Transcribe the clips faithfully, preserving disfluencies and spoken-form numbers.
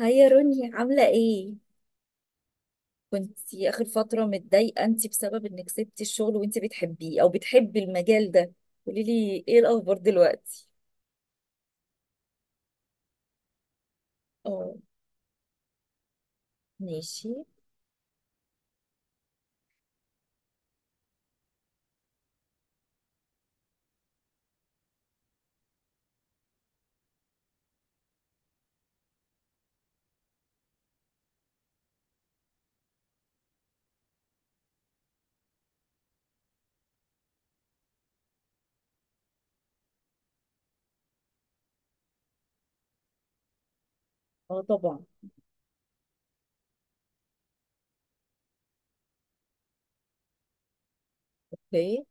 هاي يا روني، عاملة ايه؟ كنتي آخر فترة متضايقة انتي بسبب انك سبتي الشغل وانتي بتحبيه او بتحبي المجال ده. قوليلي ايه الأخبار دلوقتي؟ اه. ماشي. اه طبعا. اوكي.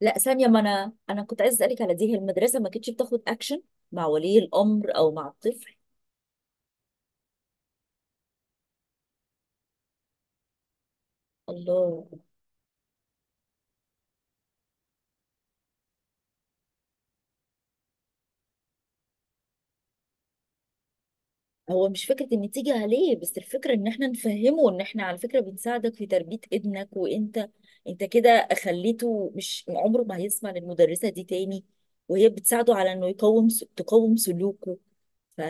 لا ثانية، ما انا انا كنت عايزة اسألك على دي، هي المدرسة ما كانتش بتاخد اكشن مع ولي الأمر او مع الطفل؟ الله. هو مش فكرة ان تيجي عليه، بس الفكرة ان احنا نفهمه ان احنا على فكرة بنساعدك في تربية ابنك، وانت انت كده خليته مش عمره ما هيسمع للمدرسة دي تاني، وهي بتساعده على انه يقوم س- تقوم سلوكه. ف...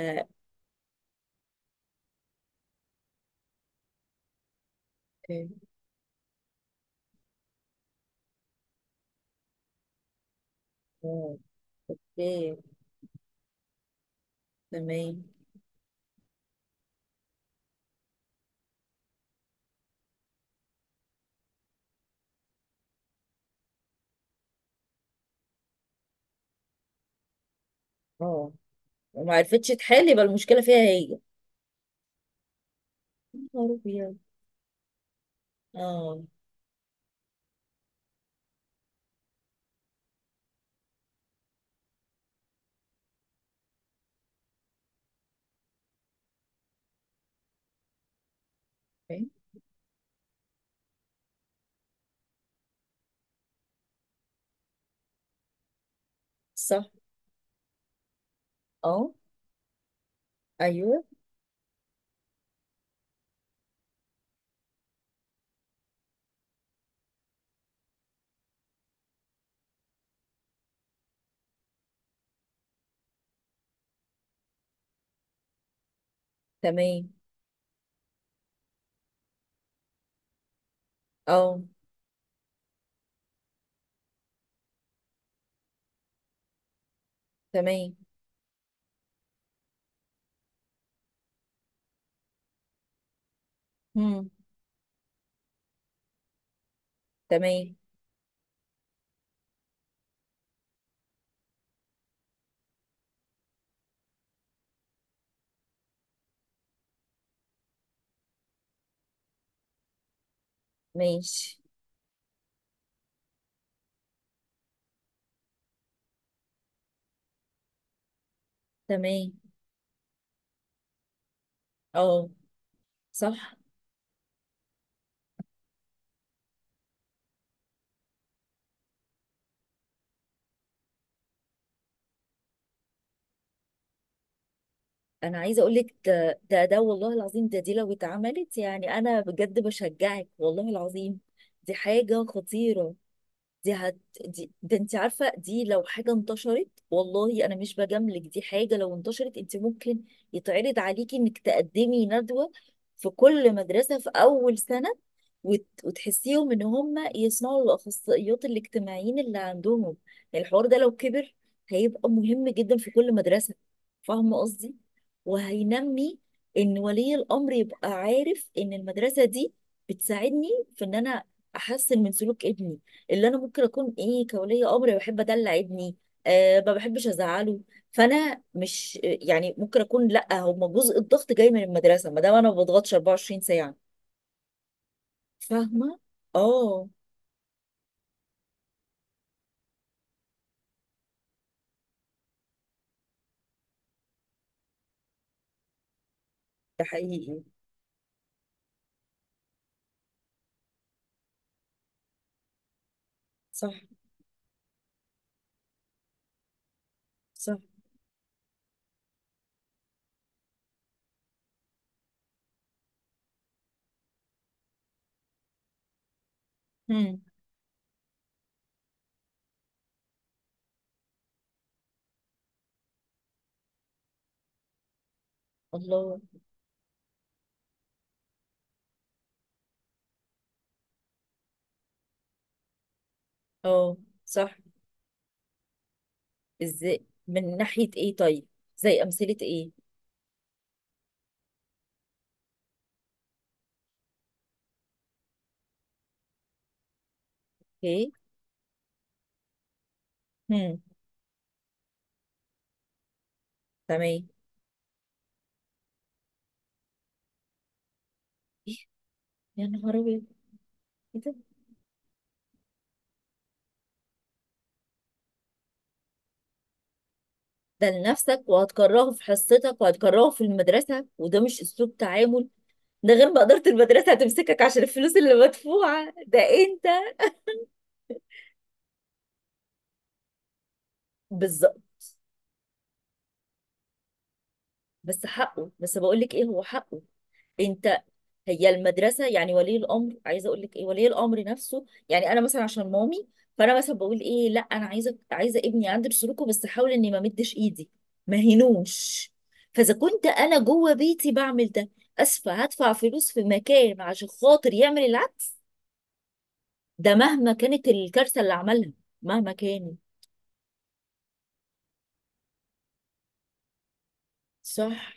إيه. اه. اوكي. تمام. اه وما عرفتش تحل، يبقى المشكلة فيها هي. يا نهار أبيض. اه. إيه. صح. اه. ايوه. تمام. اه. تمام. هم. تمام. ماشي. تمام. اه. صح. انا عايزه اقول لك، ده ده ده والله العظيم، ده دي لو اتعملت يعني انا بجد بشجعك، والله العظيم دي حاجه خطيره. دي هت... دي ده انت عارفه، دي لو حاجه انتشرت، والله انا مش بجاملك، دي حاجه لو انتشرت انت ممكن يتعرض عليكي انك تقدمي ندوه في كل مدرسه في اول سنه، وت... وتحسيهم ان هم يسمعوا الاخصائيات الاجتماعيين اللي عندهم. يعني الحوار ده لو كبر هيبقى مهم جدا في كل مدرسه، فاهمه قصدي؟ وهينمي ان ولي الامر يبقى عارف ان المدرسه دي بتساعدني في ان انا احسن من سلوك ابني، اللي انا ممكن اكون ايه كولي امر بحب ادلع ابني، أه ما بحبش ازعله، فانا مش يعني ممكن اكون، لا هم جزء الضغط جاي من المدرسه ما دام انا ما بضغطش اربع وعشرين ساعه. فاهمه؟ اه. ده حقيقي. صح. صح. هم. الله. اه. صح. ازاي من ناحيه ايه طيب؟ زي امثله ايه؟ ايه. هم. تمام. إيه؟ يا نهار ابيض. ده لنفسك، وهتكرهه في حصتك، وهتكرهه في المدرسة، وده مش أسلوب تعامل. ده غير ما إدارة المدرسة هتمسكك عشان الفلوس اللي مدفوعة، ده أنت... بالظبط. بس حقه، بس بقولك إيه هو حقه. انت هي المدرسه، يعني ولي الامر، عايزه اقول لك ايه، ولي الامر نفسه، يعني انا مثلا عشان مامي، فانا مثلا بقول ايه، لا انا عايزه، عايزه ابني عند سلوكه، بس احاول اني ما مدش ايدي، ما هينوش. فاذا كنت انا جوه بيتي بعمل ده، اسفه هدفع فلوس في مكان عشان خاطر يعمل العكس؟ ده مهما كانت الكارثه اللي عملها، مهما كانت. صح.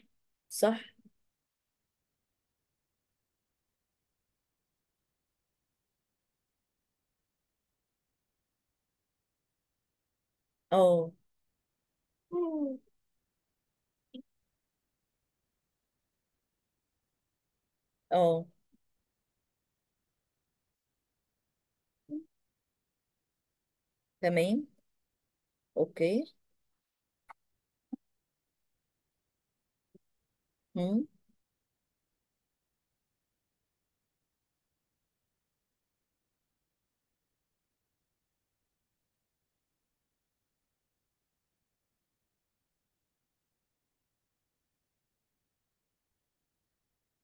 صح. اه. اه. تمام. اوكي. هم.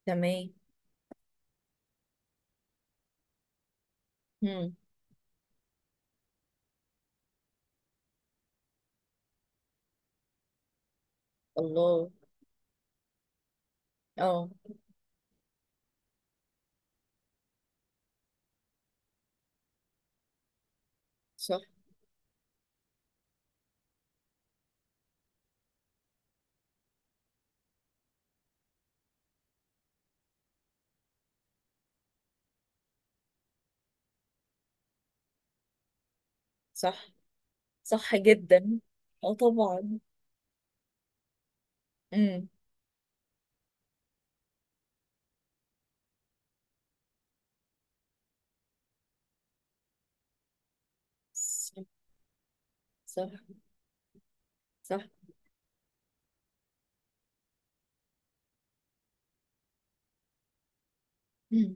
تمام. هم. الله. اه. صح. صح. صح جدا. اه طبعا. امم. صح. صح. صح. مم.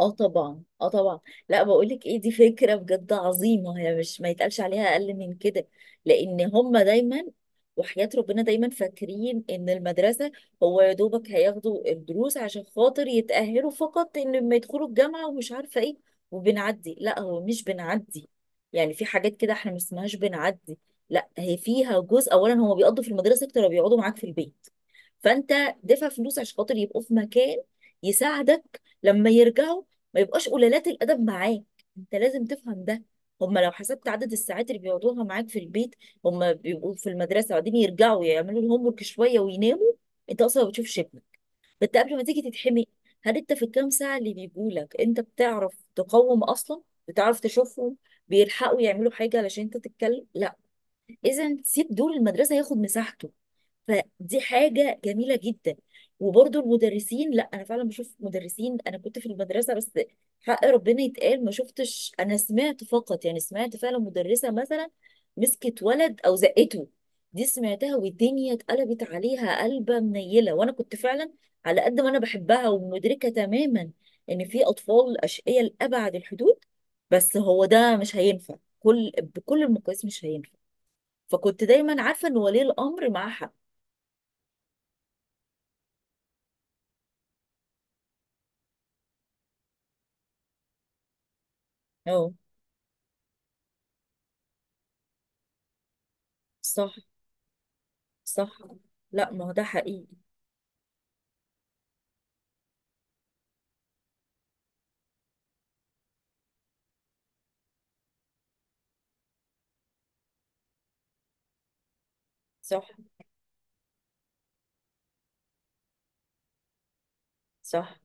اه طبعا، اه طبعا. لا بقولك ايه، دي فكره بجد عظيمه، هي مش، ما يتقالش عليها اقل من كده. لان هم دايما وحياة ربنا دايما فاكرين ان المدرسه هو يا دوبك هياخدوا الدروس عشان خاطر يتاهلوا فقط، ان لما يدخلوا الجامعه ومش عارفه ايه، وبنعدي، لا هو مش بنعدي. يعني في حاجات كده احنا ما اسمهاش بنعدي، لا هي فيها جزء. اولا هم بيقضوا في المدرسه اكتر ما بيقعدوا معاك في البيت، فانت دفع فلوس عشان خاطر يبقوا في مكان يساعدك لما يرجعوا، ما يبقاش قلالات الادب معاك. انت لازم تفهم ده. هما لو حسبت عدد الساعات اللي بيقعدوها معاك في البيت، هما بيبقوا في المدرسه وبعدين يرجعوا يعملوا الهوم ورك شويه ويناموا، انت اصلا ما بتشوفش ابنك. ده انت قبل ما تيجي تتحمي، هل انت في الكام ساعه اللي بيجوا لك انت بتعرف تقوم اصلا؟ بتعرف تشوفهم؟ بيلحقوا يعملوا حاجه علشان انت تتكلم؟ لا. اذا سيب دور المدرسه ياخد مساحته، فدي حاجة جميلة جدا. وبرضو المدرسين، لا أنا فعلا بشوف مدرسين، أنا كنت في المدرسة، بس حق ربنا يتقال ما شفتش، أنا سمعت فقط، يعني سمعت فعلا مدرسة مثلا مسكت ولد أو زقته، دي سمعتها والدنيا اتقلبت عليها قلبة منيلة، وأنا كنت فعلا، على قد ما أنا بحبها ومدركة تماما إن في أطفال أشقياء لأبعد الحدود، بس هو ده مش هينفع، كل، بكل المقاييس مش هينفع. فكنت دايما عارفة إن ولي الأمر معاه حق. اه. صح. صح. لا ما هو ده حقيقي. صح. صح.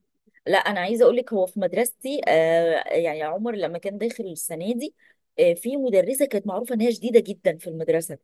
لا انا عايزه اقول لك، هو في مدرستي، آه يعني عمر لما كان داخل السنه دي، آه في مدرسه كانت معروفه ان هي شديده جدا في المدرسه،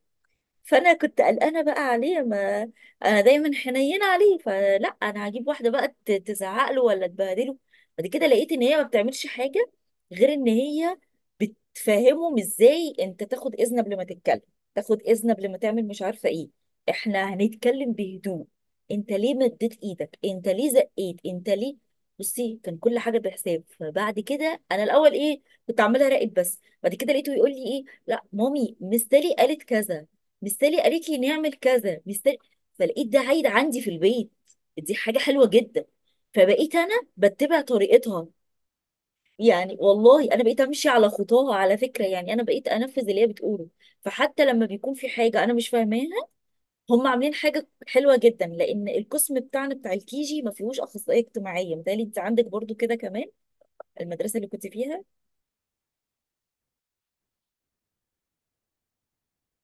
فانا كنت قلقانه بقى عليه، ما انا دايما حنينه عليه، فلا انا هجيب واحده بقى ت- تزعق له ولا تبهدله. بعد كده لقيت ان هي ما بتعملش حاجه، غير ان هي بتفهمهم ازاي انت تاخد اذن قبل ما تتكلم، تاخد اذن قبل ما تعمل مش عارفه ايه، احنا هنتكلم بهدوء، انت ليه مديت ايدك، انت ليه زقيت، انت ليه... بصي كان كل حاجه بحساب. فبعد كده انا الاول ايه، كنت عامله راقد، بس بعد كده لقيته يقول لي ايه، لا مامي مستلي قالت كذا، مستلي قالت لي نعمل كذا، مستلي. فلقيت ده عايد عندي في البيت، دي حاجة حلوة جدا، فبقيت أنا بتبع طريقتها. يعني والله أنا بقيت أمشي على خطاها، على فكرة، يعني أنا بقيت أنفذ اللي هي بتقوله. فحتى لما بيكون في حاجة أنا مش فاهماها، هم عاملين حاجة حلوة جدا، لأن القسم بتاعنا بتاع الكيجي ما فيهوش أخصائية اجتماعية. متهيألي أنت عندك برضو كده كمان المدرسة اللي كنت فيها.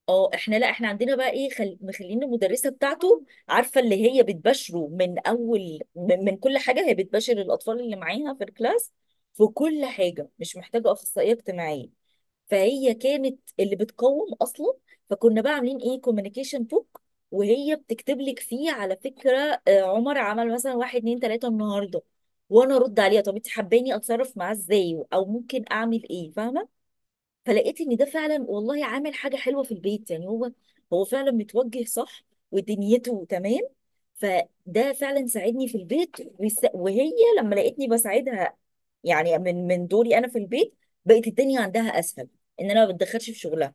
اه. احنا، لا احنا عندنا بقى ايه، خل... مخلين المدرسه بتاعته، عارفه اللي هي بتباشره من اول، من, من كل حاجه، هي بتباشر الاطفال اللي معاها في الكلاس في كل حاجه، مش محتاجه اخصائيه اجتماعيه، فهي كانت اللي بتقوم اصلا. فكنا بقى عاملين ايه كوميونيكيشن بوك، وهي بتكتب لك فيه على فكره، آه عمر عمل مثلا واحد اتنين تلاته النهارده، وانا ارد عليها طب انت حباني اتصرف معاه ازاي، او ممكن اعمل ايه، فاهمه؟ فلقيت ان ده فعلا والله عامل حاجه حلوه في البيت، يعني هو هو فعلا متوجه صح، ودنيته تمام، فده فعلا ساعدني في البيت. وس- وهي لما لقيتني بساعدها يعني من من دوري انا في البيت، بقت الدنيا عندها اسهل، ان انا ما بتدخلش في شغلها.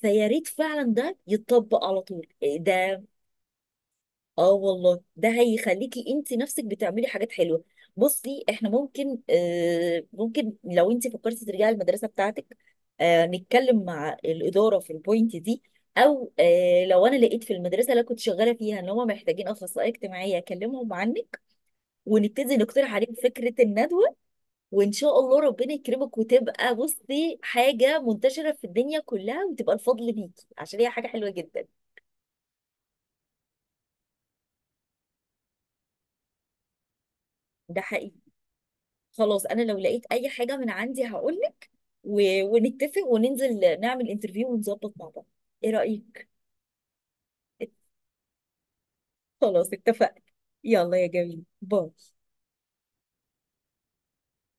فيا ريت فعلا ده يتطبق على طول، إيه ده. اه والله ده هيخليكي انت نفسك بتعملي حاجات حلوه. بصي احنا ممكن، آه ممكن لو انت فكرتي ترجعي المدرسه بتاعتك، آه نتكلم مع الاداره في البوينت دي، او آه لو انا لقيت في المدرسه اللي أنا كنت شغاله فيها ان هم محتاجين اخصائيه اجتماعيه اكلمهم عنك، ونبتدي نقترح عليهم فكره الندوه، وان شاء الله ربنا يكرمك وتبقى بصي حاجه منتشره في الدنيا كلها، وتبقى الفضل ليكي، عشان هي حاجه حلوه جدا. ده حقيقي. خلاص انا لو لقيت اي حاجه من عندي هقول، و... ونتفق وننزل نعمل انترفيو ونظبط مع بعض، ايه رأيك؟ خلاص اتفقنا. يلا يا جميل، باي.